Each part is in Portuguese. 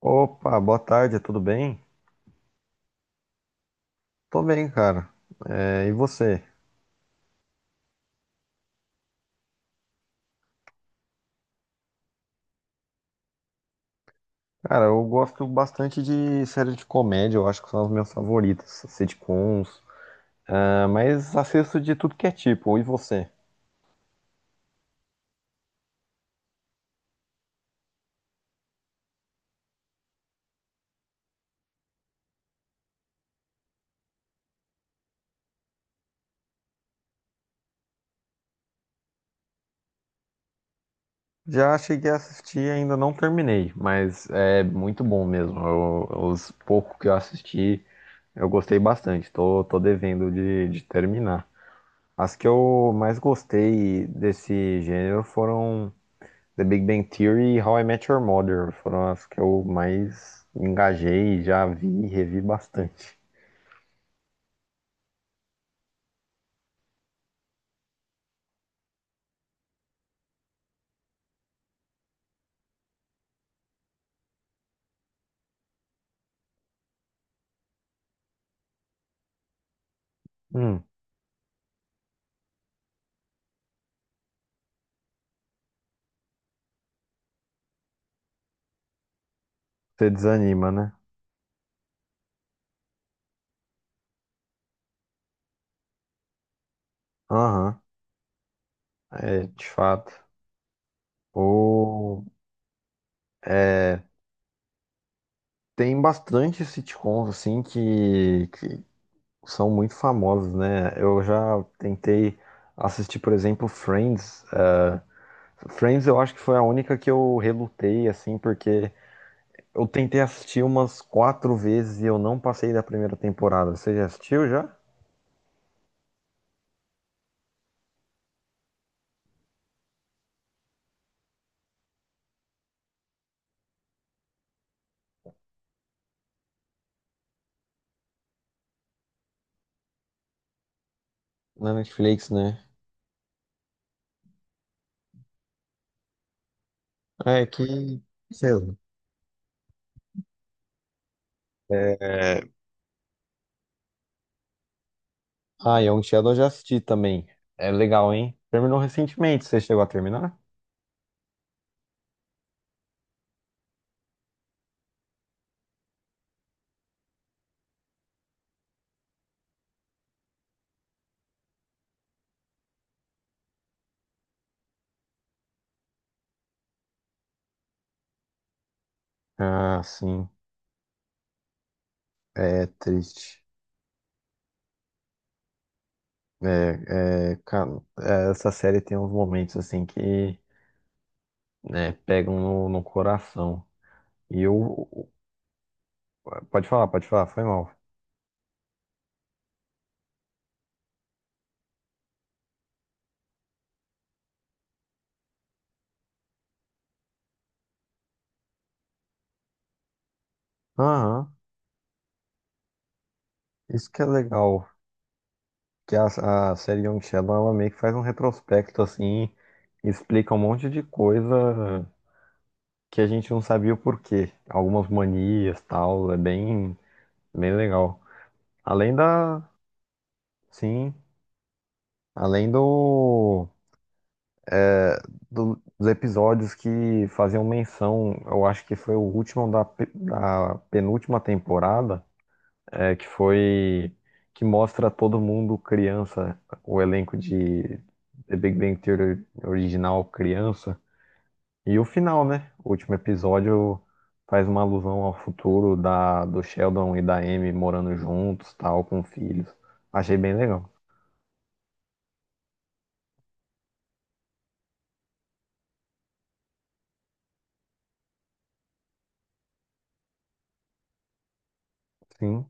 Opa, boa tarde, tudo bem? Tô bem, cara. É, e você? Cara, eu gosto bastante de séries de comédia, eu acho que são as minhas favoritas, sitcoms. Ah, mas assisto de tudo que é tipo, e você? Já cheguei a assistir e ainda não terminei, mas é muito bom mesmo. Os poucos que eu assisti, eu gostei bastante, tô devendo de terminar. As que eu mais gostei desse gênero foram. The Big Bang Theory e How I Met Your Mother foram as que eu mais me engajei, e já vi e revi bastante. Hum, você desanima, né? Aham, é, de fato. Ou, é, tem bastante sitcoms, assim, que são muito famosos, né? Eu já tentei assistir, por exemplo, Friends. Friends eu acho que foi a única que eu relutei, assim, porque eu tentei assistir umas quatro vezes e eu não passei da primeira temporada. Você já assistiu já? Na Netflix, né? É que. Sei lá. É, ah, Young Sheldon eu já assisti também. É legal, hein? Terminou recentemente. Você chegou a terminar? Ah, sim. É triste. É, é, cara, é, essa série tem uns momentos assim que né, pegam no coração. E eu. Pode falar, foi mal. Aham. Isso que é legal. Que a série Young Sheldon ela meio que faz um retrospecto assim, e explica um monte de coisa que a gente não sabia o porquê. Algumas manias, tal, é bem, bem legal. Além da, sim, além do, é, do- dos episódios que faziam menção, eu acho que foi o último da penúltima temporada, é, que foi que mostra todo mundo criança, o elenco de The Big Bang Theory original criança. E o final, né? O último episódio faz uma alusão ao futuro da, do Sheldon e da Amy morando juntos, tal, com filhos. Achei bem legal. Sim,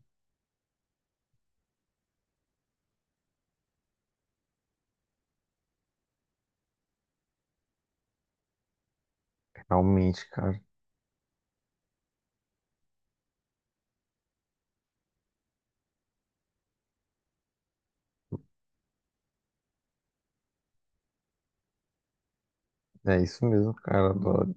realmente, cara. É isso mesmo, cara. Adoro.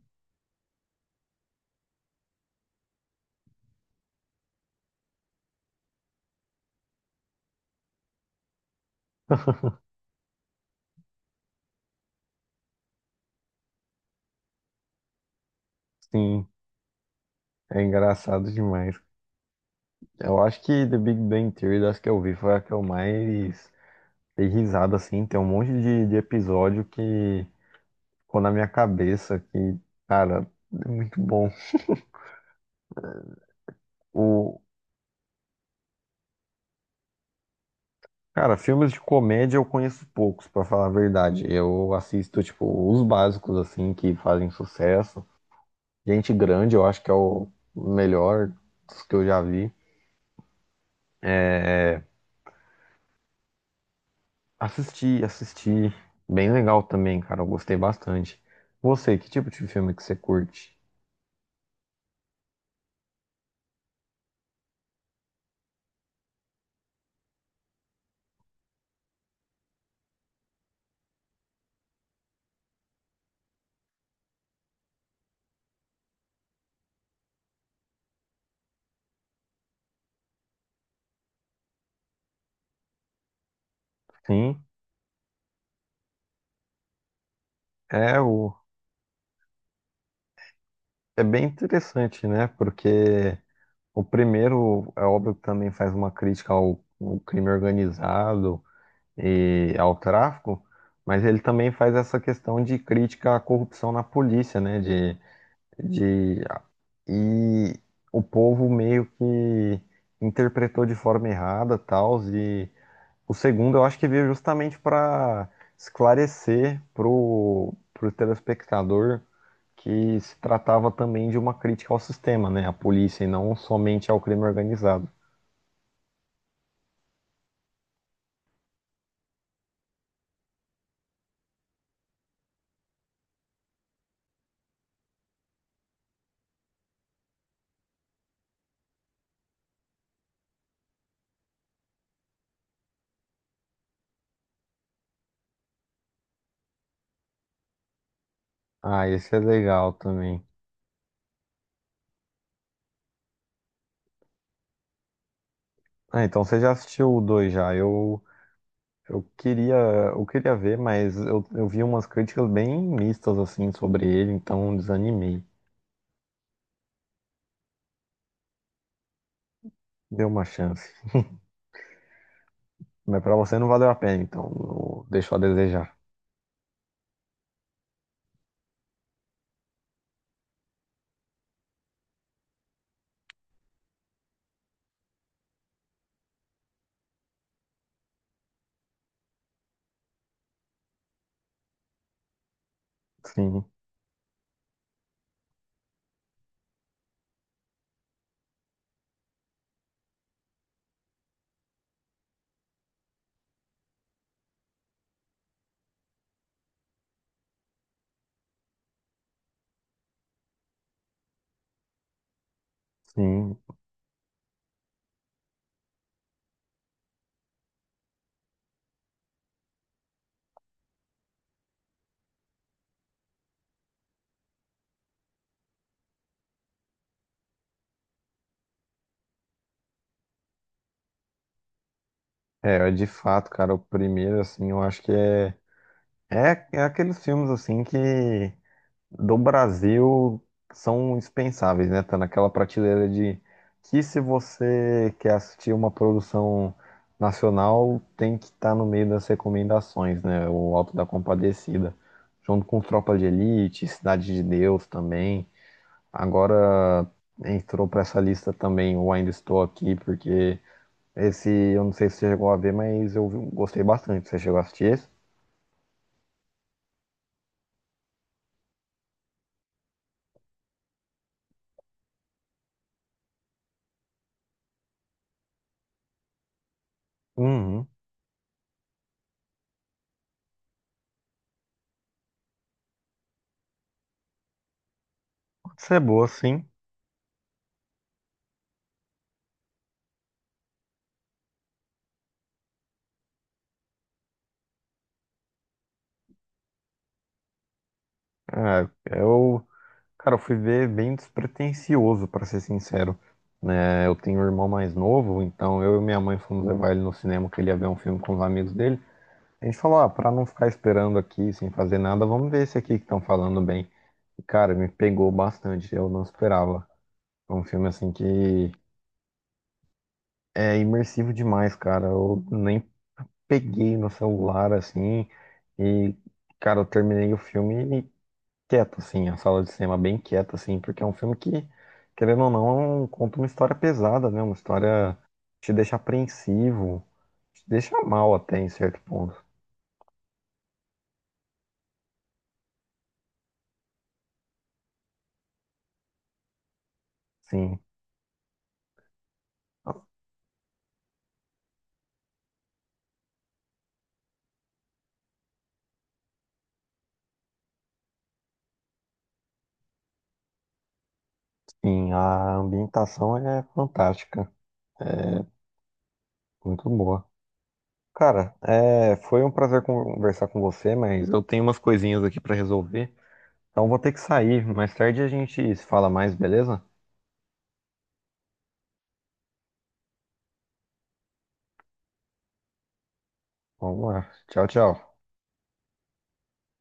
Sim, é engraçado demais. Eu acho que The Big Bang Theory, das que eu vi, foi a que eu mais dei risada, assim. Tem um monte de episódio que ficou na minha cabeça, que, cara, é muito bom. O, cara, filmes de comédia eu conheço poucos, pra falar a verdade. Eu assisto, tipo, os básicos, assim, que fazem sucesso. Gente Grande, eu acho que é o melhor dos que eu já vi. Assisti, assisti. Bem legal também, cara. Eu gostei bastante. Você, que tipo de filme que você curte? Sim, é o... É bem interessante, né? Porque o primeiro é óbvio que também faz uma crítica ao crime organizado e ao tráfico, mas ele também faz essa questão de crítica à corrupção na polícia, né? De, e o povo meio que interpretou de forma errada, tal, e o segundo eu acho que veio justamente para esclarecer pro telespectador que se tratava também de uma crítica ao sistema, né? À polícia e não somente ao crime organizado. Ah, esse é legal também. Ah, então você já assistiu o 2 já. Eu queria, eu queria ver, mas eu vi umas críticas bem mistas assim sobre ele, então desanimei. Deu uma chance. Mas pra você não valeu a pena, então deixou a desejar. Sim, sim. É, é de fato, cara, o primeiro, assim, eu acho que é. É, é aqueles filmes assim que do Brasil são indispensáveis, né? Tá naquela prateleira de que se você quer assistir uma produção nacional, tem que estar no meio das recomendações, né? O Alto da Compadecida, junto com Tropa de Elite, Cidade de Deus também. Agora entrou para essa lista também o Ainda Estou Aqui, porque esse eu não sei se você chegou a ver, mas eu gostei bastante. Você chegou a assistir esse? Uhum. Pode ser boa, sim. É, eu Cara, eu fui ver bem despretensioso, pra ser sincero. Né? Eu tenho um irmão mais novo, então eu e minha mãe fomos levar ele no cinema, que ele ia ver um filme com os amigos dele. A gente falou, ah, pra não ficar esperando aqui sem fazer nada, vamos ver esse aqui que estão falando bem. E, cara, me pegou bastante, eu não esperava. É um filme, assim, que é imersivo demais, cara. Eu nem peguei no celular, assim, e, cara, eu terminei o filme quieto, assim, a sala de cinema bem quieta, assim, porque é um filme que, querendo ou não, conta uma história pesada, né? Uma história que te deixa apreensivo, te deixa mal até em certo ponto. Sim, sim, a ambientação é fantástica, é muito boa. Cara, é, foi um prazer conversar com você, mas eu tenho umas coisinhas aqui pra resolver, então vou ter que sair. Mais tarde a gente se fala mais, beleza? Vamos lá. Tchau, tchau.